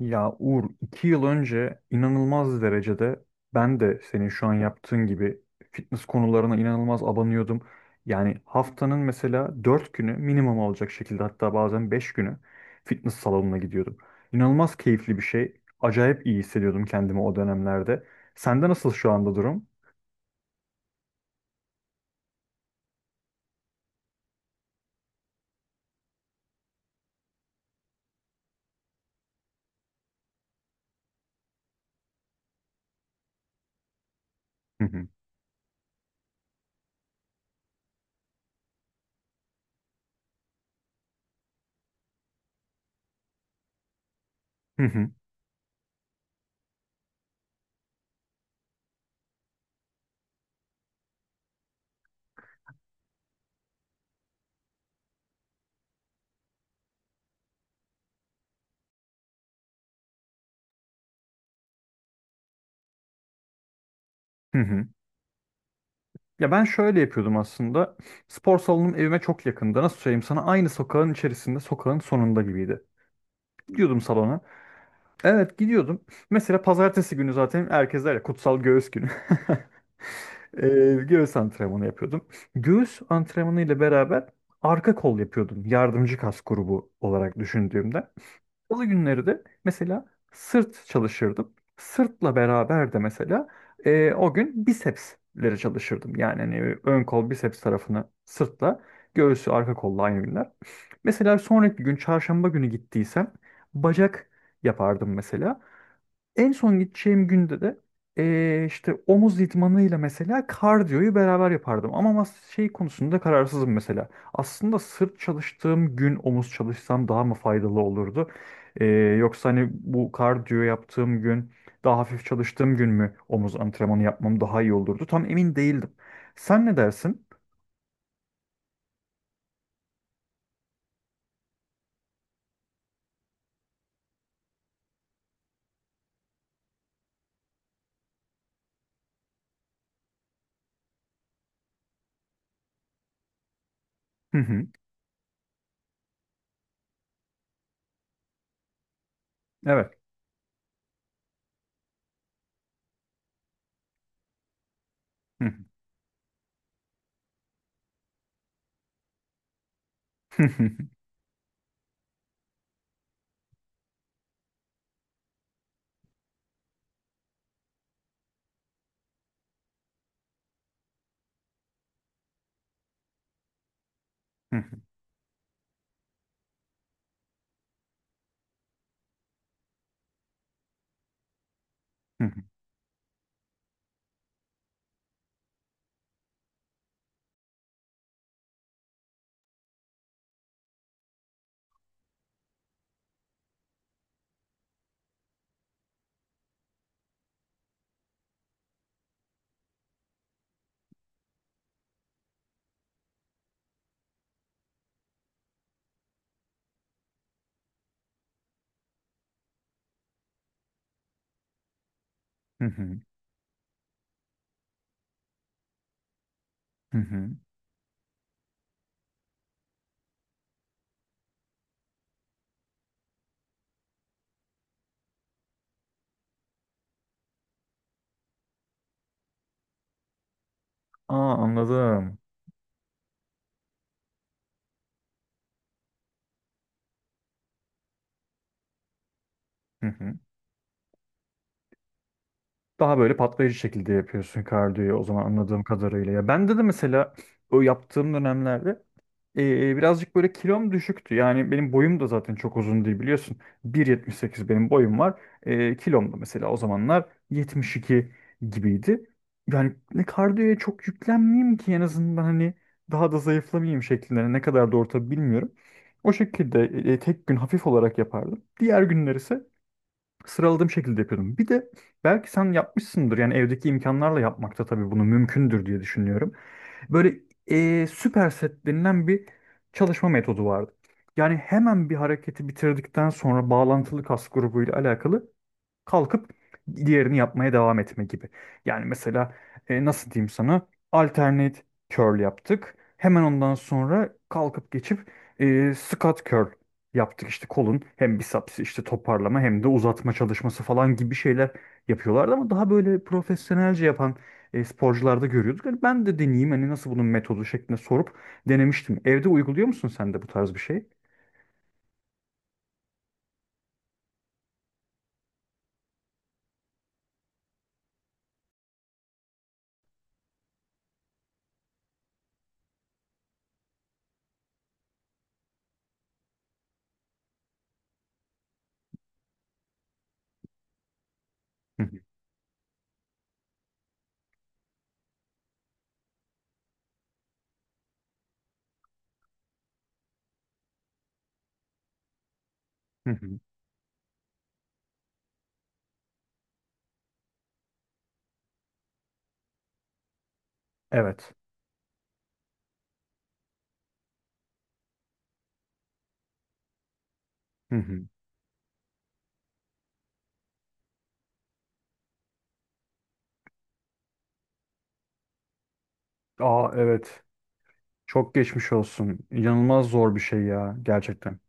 Ya Uğur, 2 yıl önce inanılmaz derecede ben de senin şu an yaptığın gibi fitness konularına inanılmaz abanıyordum. Yani haftanın mesela 4 günü minimum olacak şekilde, hatta bazen 5 günü fitness salonuna gidiyordum. İnanılmaz keyifli bir şey. Acayip iyi hissediyordum kendimi o dönemlerde. Sende nasıl şu anda durum? Hı hı. Hı hı. Hı hı. Ya ben şöyle yapıyordum aslında. Spor salonum evime çok yakında. Nasıl söyleyeyim sana? Aynı sokağın içerisinde, sokağın sonunda gibiydi. Gidiyordum salona. Evet, gidiyordum. Mesela pazartesi günü zaten herkes der ya, kutsal göğüs günü. Göğüs antrenmanı yapıyordum. Göğüs antrenmanı ile beraber arka kol yapıyordum. Yardımcı kas grubu olarak düşündüğümde. Salı günleri de mesela sırt çalışırdım. Sırtla beraber de mesela o gün bisepsleri çalışırdım. Yani hani ön kol biceps tarafını sırtla, göğsü arka kolla aynı günler. Mesela sonraki gün çarşamba günü gittiysem bacak yapardım mesela. En son gideceğim günde de işte omuz idmanıyla mesela kardiyoyu beraber yapardım. Ama şey konusunda kararsızım mesela. Aslında sırt çalıştığım gün omuz çalışsam daha mı faydalı olurdu? Eee, Yoksa hani bu kardiyo yaptığım gün, daha hafif çalıştığım gün mü omuz antrenmanı yapmam daha iyi olurdu? Tam emin değildim. Sen ne dersin? Hı hı. Evet. Hı hı. Hı hı. Hı hı. Hı hı. Hı hı. Aa, anladım. Hı hı. Daha böyle patlayıcı şekilde yapıyorsun kardiyoyu o zaman, anladığım kadarıyla. Ya ben de mesela o yaptığım dönemlerde birazcık böyle kilom düşüktü. Yani benim boyum da zaten çok uzun değil, biliyorsun. 1.78 benim boyum var. Kilom da mesela o zamanlar 72 gibiydi. Yani ne kardiyoya çok yüklenmeyeyim ki en azından, hani daha da zayıflamayayım şeklinde. Ne kadar doğru tabii bilmiyorum. O şekilde tek gün hafif olarak yapardım. Diğer günler ise sıraladığım şekilde yapıyordum. Bir de belki sen yapmışsındır, yani evdeki imkanlarla yapmakta tabii bunu mümkündür diye düşünüyorum. Böyle süper set denilen bir çalışma metodu vardı. Yani hemen bir hareketi bitirdikten sonra bağlantılı kas grubuyla alakalı kalkıp diğerini yapmaya devam etme gibi. Yani mesela nasıl diyeyim sana? Alternate curl yaptık. Hemen ondan sonra kalkıp geçip squat curl yaptık. İşte kolun hem biceps işte toparlama hem de uzatma çalışması falan gibi şeyler yapıyorlardı ama daha böyle profesyonelce yapan sporcularda görüyorduk. Hani ben de deneyeyim, hani nasıl bunun metodu şeklinde sorup denemiştim. Evde uyguluyor musun sen de bu tarz bir şey? Hı hı. Hı hı. Evet. Hı hı. Aa, evet. Çok geçmiş olsun. İnanılmaz zor bir şey ya, gerçekten.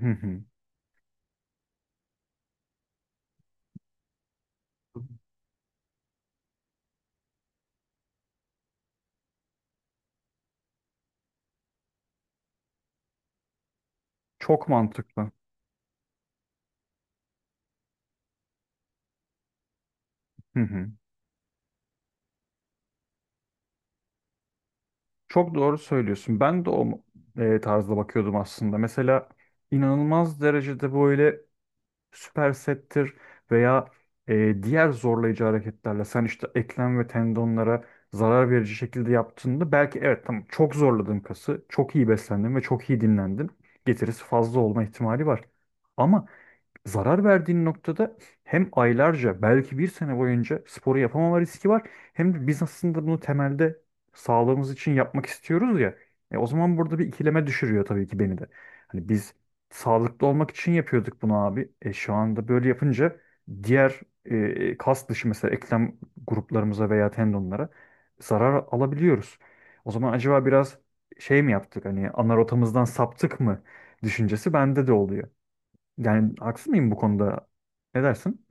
Hı hı. Çok mantıklı. Hı hı. Çok doğru söylüyorsun. Ben de o tarzda bakıyordum aslında. Mesela inanılmaz derecede böyle süpersettir veya diğer zorlayıcı hareketlerle sen işte eklem ve tendonlara zarar verici şekilde yaptığında, belki evet, tamam, çok zorladın kası, çok iyi beslendin ve çok iyi dinlendin. Getirisi fazla olma ihtimali var. Ama zarar verdiğin noktada hem aylarca, belki bir sene boyunca sporu yapamama riski var, hem de biz aslında bunu temelde sağlığımız için yapmak istiyoruz ya. O zaman burada bir ikileme düşürüyor tabii ki beni de. Hani biz sağlıklı olmak için yapıyorduk bunu abi. Şu anda böyle yapınca diğer kas dışı mesela eklem gruplarımıza veya tendonlara zarar alabiliyoruz. O zaman acaba biraz şey mi yaptık, hani ana rotamızdan saptık mı düşüncesi bende de oluyor. Yani haksız mıyım bu konuda? Ne dersin?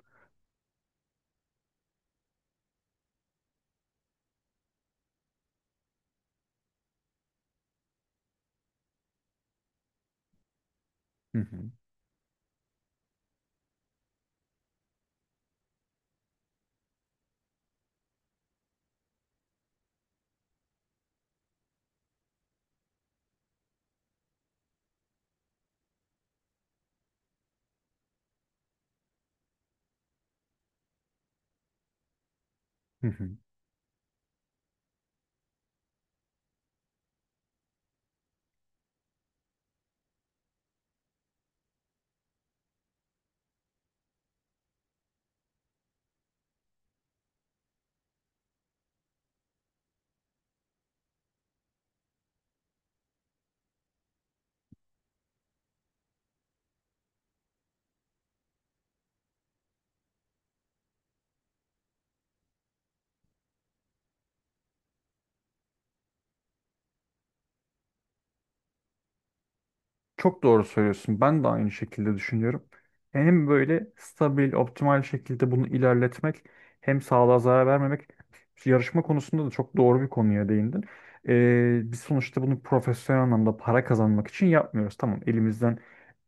Hı hı. Hı hı. Çok doğru söylüyorsun. Ben de aynı şekilde düşünüyorum. Hem böyle stabil, optimal şekilde bunu ilerletmek, hem sağlığa zarar vermemek. Yarışma konusunda da çok doğru bir konuya değindin. Biz sonuçta bunu profesyonel anlamda para kazanmak için yapmıyoruz. Tamam, elimizden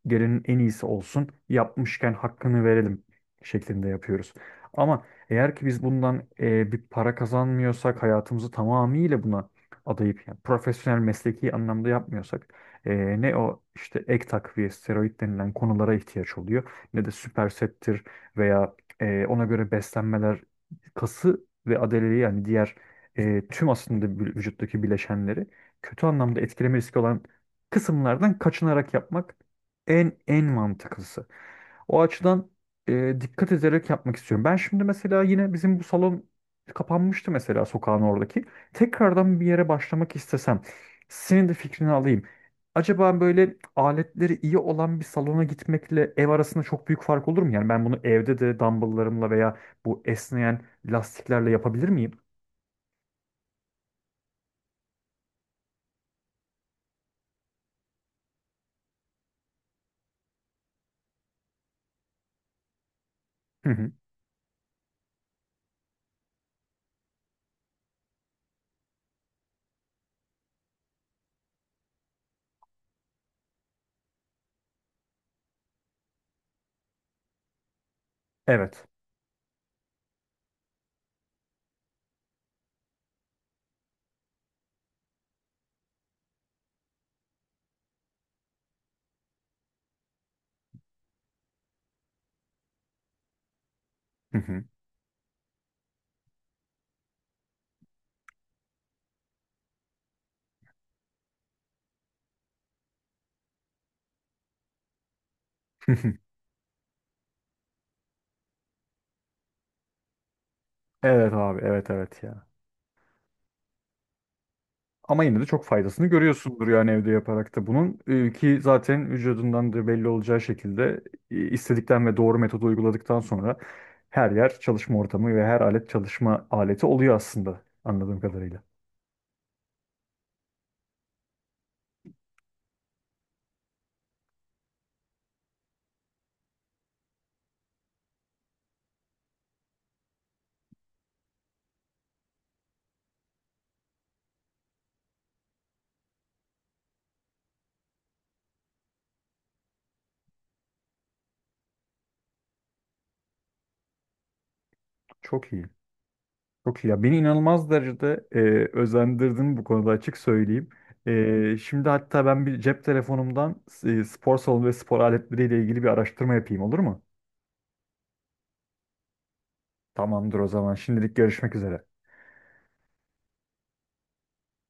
gelenin en iyisi olsun, yapmışken hakkını verelim şeklinde yapıyoruz. Ama eğer ki biz bundan bir para kazanmıyorsak, hayatımızı tamamıyla buna adayıp, yani profesyonel mesleki anlamda yapmıyorsak, ne o işte ek takviye, steroid denilen konulara ihtiyaç oluyor, ne de süpersettir veya ona göre beslenmeler kası ve adaleliği, yani diğer tüm aslında vücuttaki bileşenleri kötü anlamda etkileme riski olan kısımlardan kaçınarak yapmak en mantıklısı. O açıdan dikkat ederek yapmak istiyorum. Ben şimdi mesela yine bizim bu salon kapanmıştı mesela, sokağın oradaki. Tekrardan bir yere başlamak istesem senin de fikrini alayım. Acaba böyle aletleri iyi olan bir salona gitmekle ev arasında çok büyük fark olur mu? Yani ben bunu evde de dumbbelllarımla veya bu esneyen lastiklerle yapabilir miyim? Hı hı. Evet. Hı hı. Hı hı. Evet abi, evet, evet ya. Ama yine de çok faydasını görüyorsundur yani, evde yaparak da bunun. Ki zaten vücudundan da belli olacağı şekilde istedikten ve doğru metodu uyguladıktan sonra her yer çalışma ortamı ve her alet çalışma aleti oluyor aslında, anladığım kadarıyla. Çok iyi. Çok iyi ya. Beni inanılmaz derecede özendirdin bu konuda, açık söyleyeyim. Şimdi hatta ben bir cep telefonumdan spor salonu ve spor aletleriyle ilgili bir araştırma yapayım, olur mu? Tamamdır o zaman. Şimdilik görüşmek üzere.